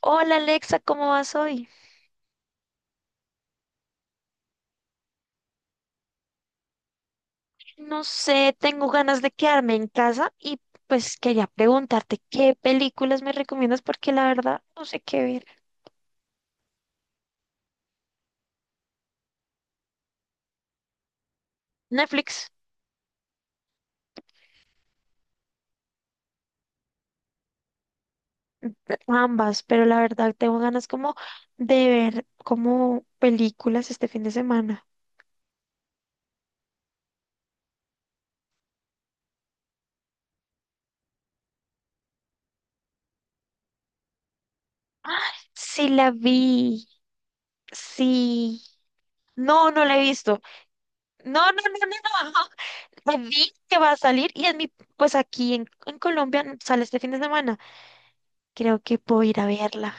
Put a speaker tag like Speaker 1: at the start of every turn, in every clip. Speaker 1: Hola Alexa, ¿cómo vas hoy? No sé, tengo ganas de quedarme en casa y pues quería preguntarte qué películas me recomiendas porque la verdad no sé qué ver. Netflix, ambas, pero la verdad tengo ganas como de ver como películas este fin de semana. Sí la vi, sí. No, no la he visto. No, no, no, no, no. La vi que va a salir y pues aquí en Colombia sale este fin de semana. Creo que puedo ir a verla.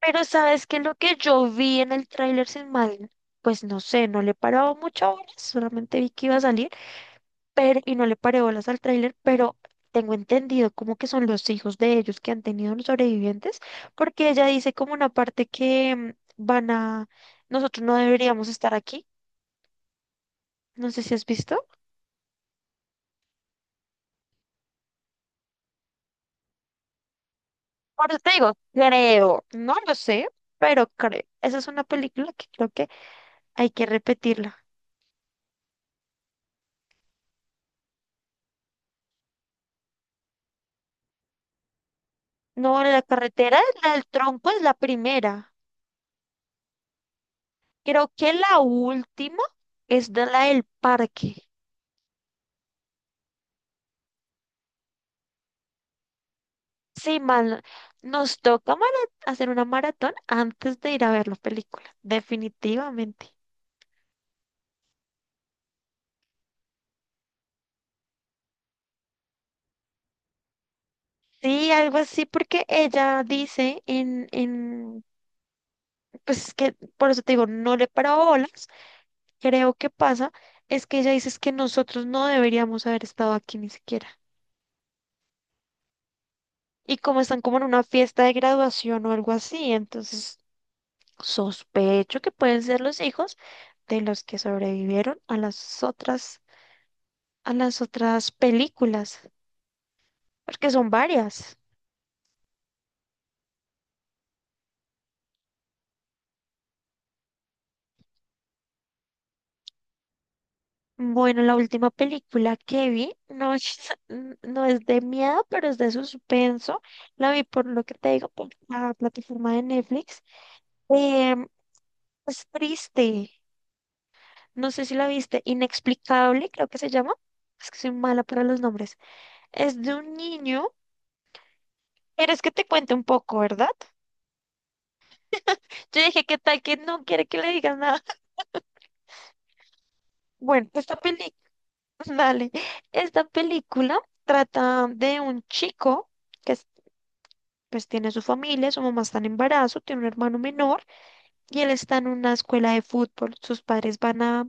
Speaker 1: Pero sabes que lo que yo vi en el tráiler sin mal, pues no sé, no le he parado muchas horas, solamente vi que iba a salir, pero y no le paré bolas al tráiler, pero tengo entendido como que son los hijos de ellos que han tenido los sobrevivientes, porque ella dice como una parte que van a, nosotros no deberíamos estar aquí, no sé si has visto. Por eso te digo, creo, no lo sé, pero creo. Esa es una película que creo que hay que repetirla. No, la carretera, la del tronco es la primera. Creo que la última es de la del parque. Sí, mal, nos toca hacer una maratón antes de ir a ver la película, definitivamente. Sí, algo así, porque ella dice pues es que por eso te digo, no le paraba bolas. Creo que pasa, es que ella dice es que nosotros no deberíamos haber estado aquí ni siquiera. Y como están como en una fiesta de graduación o algo así, entonces sospecho que pueden ser los hijos de los que sobrevivieron a las otras películas, porque son varias. Bueno, la última película que vi no es, no es de miedo, pero es de suspenso. La vi por lo que te digo, por la plataforma de Netflix. Em, es triste. No sé si la viste. Inexplicable, creo que se llama. Es que soy mala para los nombres. Es de un niño. ¿Quieres que te cuente un poco, verdad? Yo dije, ¿qué tal que no quiere que le digas nada? Bueno, esta película, dale, esta película trata de un chico que es- pues tiene su familia, su mamá está en embarazo, tiene un hermano menor y él está en una escuela de fútbol. Sus padres van a,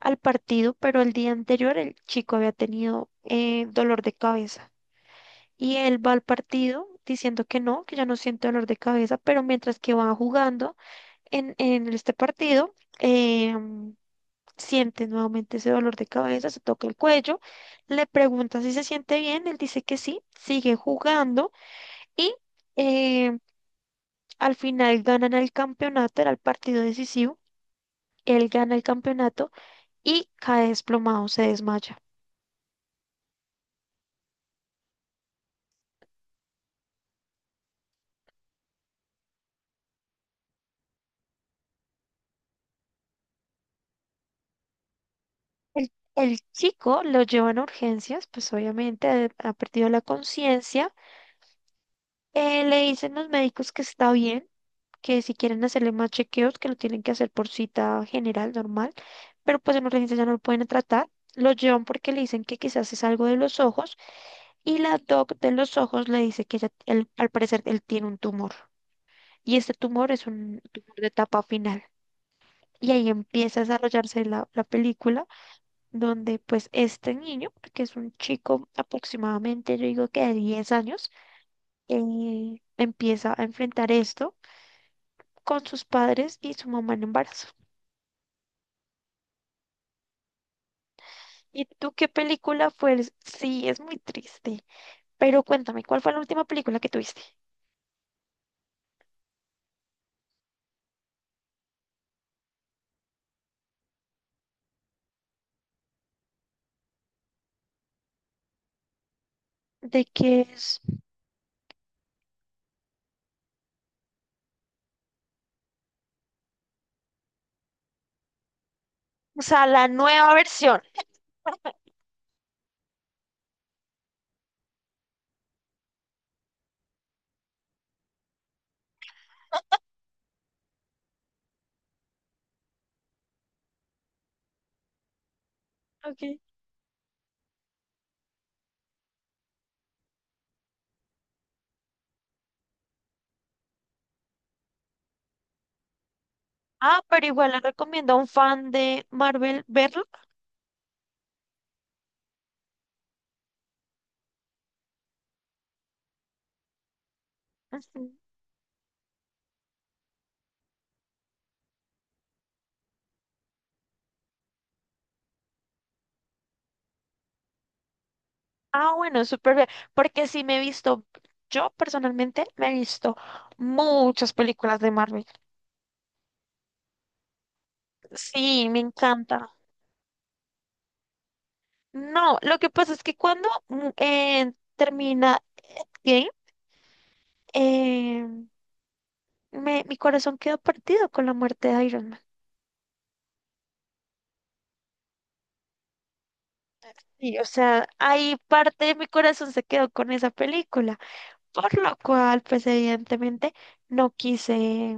Speaker 1: al partido, pero el día anterior el chico había tenido dolor de cabeza y él va al partido diciendo que no, que ya no siente dolor de cabeza, pero mientras que va jugando en este partido, em, siente nuevamente ese dolor de cabeza, se toca el cuello, le pregunta si se siente bien, él dice que sí, sigue jugando y eh, al final ganan el campeonato, era el partido decisivo, él gana el campeonato y cae desplomado, se desmaya. El chico lo llevan a urgencias, pues obviamente ha perdido la conciencia. Le dicen los médicos que está bien, que si quieren hacerle más chequeos, que lo tienen que hacer por cita general, normal, pero pues en urgencia ya no lo pueden tratar. Lo llevan porque le dicen que quizás es algo de los ojos y la doc de los ojos le dice que al parecer él tiene un tumor y este tumor es un tumor de etapa final. Y ahí empieza a desarrollarse la película donde pues este niño, que es un chico aproximadamente, yo digo que de 10 años, empieza a enfrentar esto con sus padres y su mamá en embarazo. ¿Y tú qué película fue? Sí, es muy triste. Pero cuéntame, ¿cuál fue la última película que tuviste? ¿De qué es? O sea, la nueva versión. Okay. Ah, pero igual le recomiendo a un fan de Marvel verlo. Ujú. Ah, bueno, súper bien. Porque sí me he visto, yo personalmente me he visto muchas películas de Marvel. Sí, me encanta. No, lo que pasa es que cuando termina Endgame, eh, mi corazón quedó partido con la muerte de Iron Man. Y, o sea, ahí parte de mi corazón se quedó con esa película, por lo cual, pues evidentemente no quise,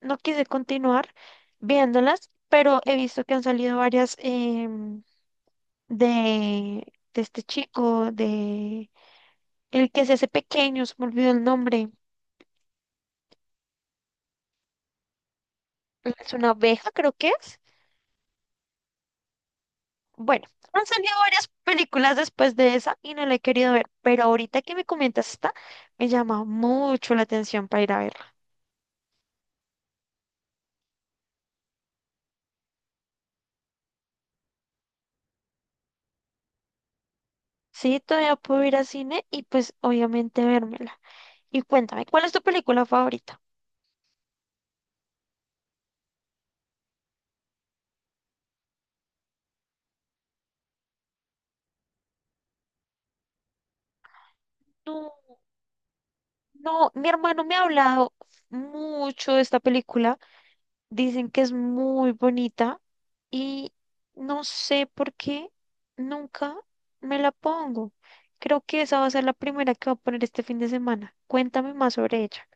Speaker 1: no quise continuar viéndolas, pero he visto que han salido varias de, de este chico, de el que se hace pequeño, se me olvidó el nombre, es una oveja, creo que es. Bueno, han salido varias películas después de esa y no la he querido ver, pero ahorita que me comentas esta, me llama mucho la atención para ir a verla. Sí, todavía puedo ir al cine y pues obviamente vérmela. Y cuéntame, ¿cuál es tu película favorita? No, no, mi hermano me ha hablado mucho de esta película, dicen que es muy bonita y no sé por qué nunca me la pongo. Creo que esa va a ser la primera que voy a poner este fin de semana. Cuéntame más sobre ella.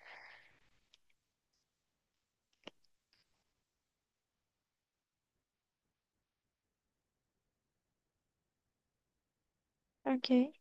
Speaker 1: Ok.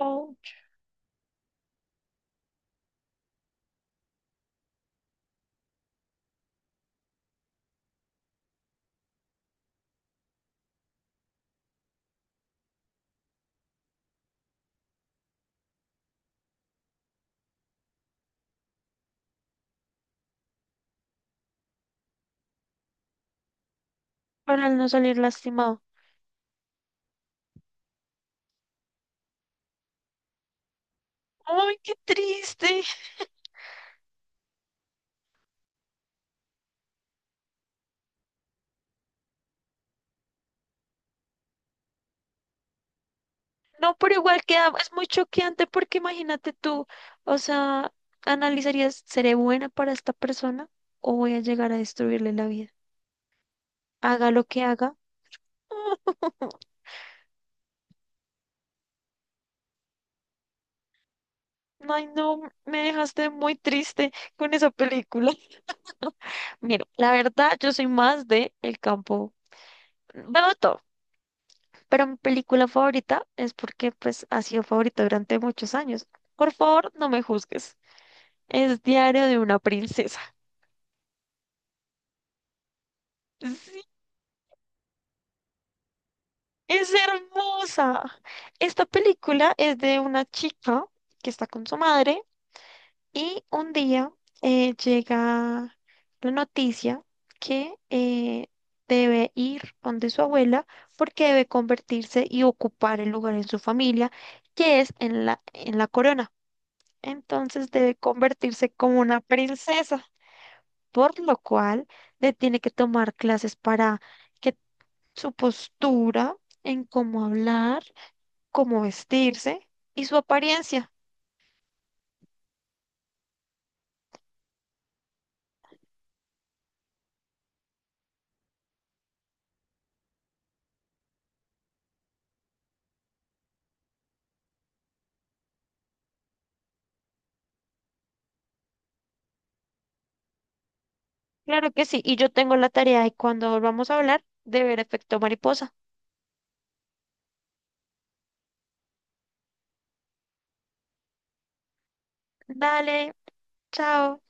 Speaker 1: Oh, para no salir lastimado. ¡Ay, qué triste! No, pero igual queda, es muy choqueante porque imagínate tú, o sea, analizarías, ¿seré buena para esta persona o voy a llegar a destruirle la vida? Haga lo que haga. Ay, no, me dejaste muy triste con esa película. Mira, la verdad, yo soy más de el campo. Veo todo, pero mi película favorita es porque pues ha sido favorita durante muchos años. Por favor, no me juzgues. Es Diario de una princesa. Sí, es hermosa. Esta película es de una chica que está con su madre y un día llega la noticia que debe ir donde su abuela porque debe convertirse y ocupar el lugar en su familia que es en la corona. Entonces debe convertirse como una princesa, por lo cual le tiene que tomar clases para... que su postura, en cómo hablar, cómo vestirse y su apariencia. Claro que sí, y yo tengo la tarea de cuando volvamos a hablar de ver efecto mariposa. Dale, chao.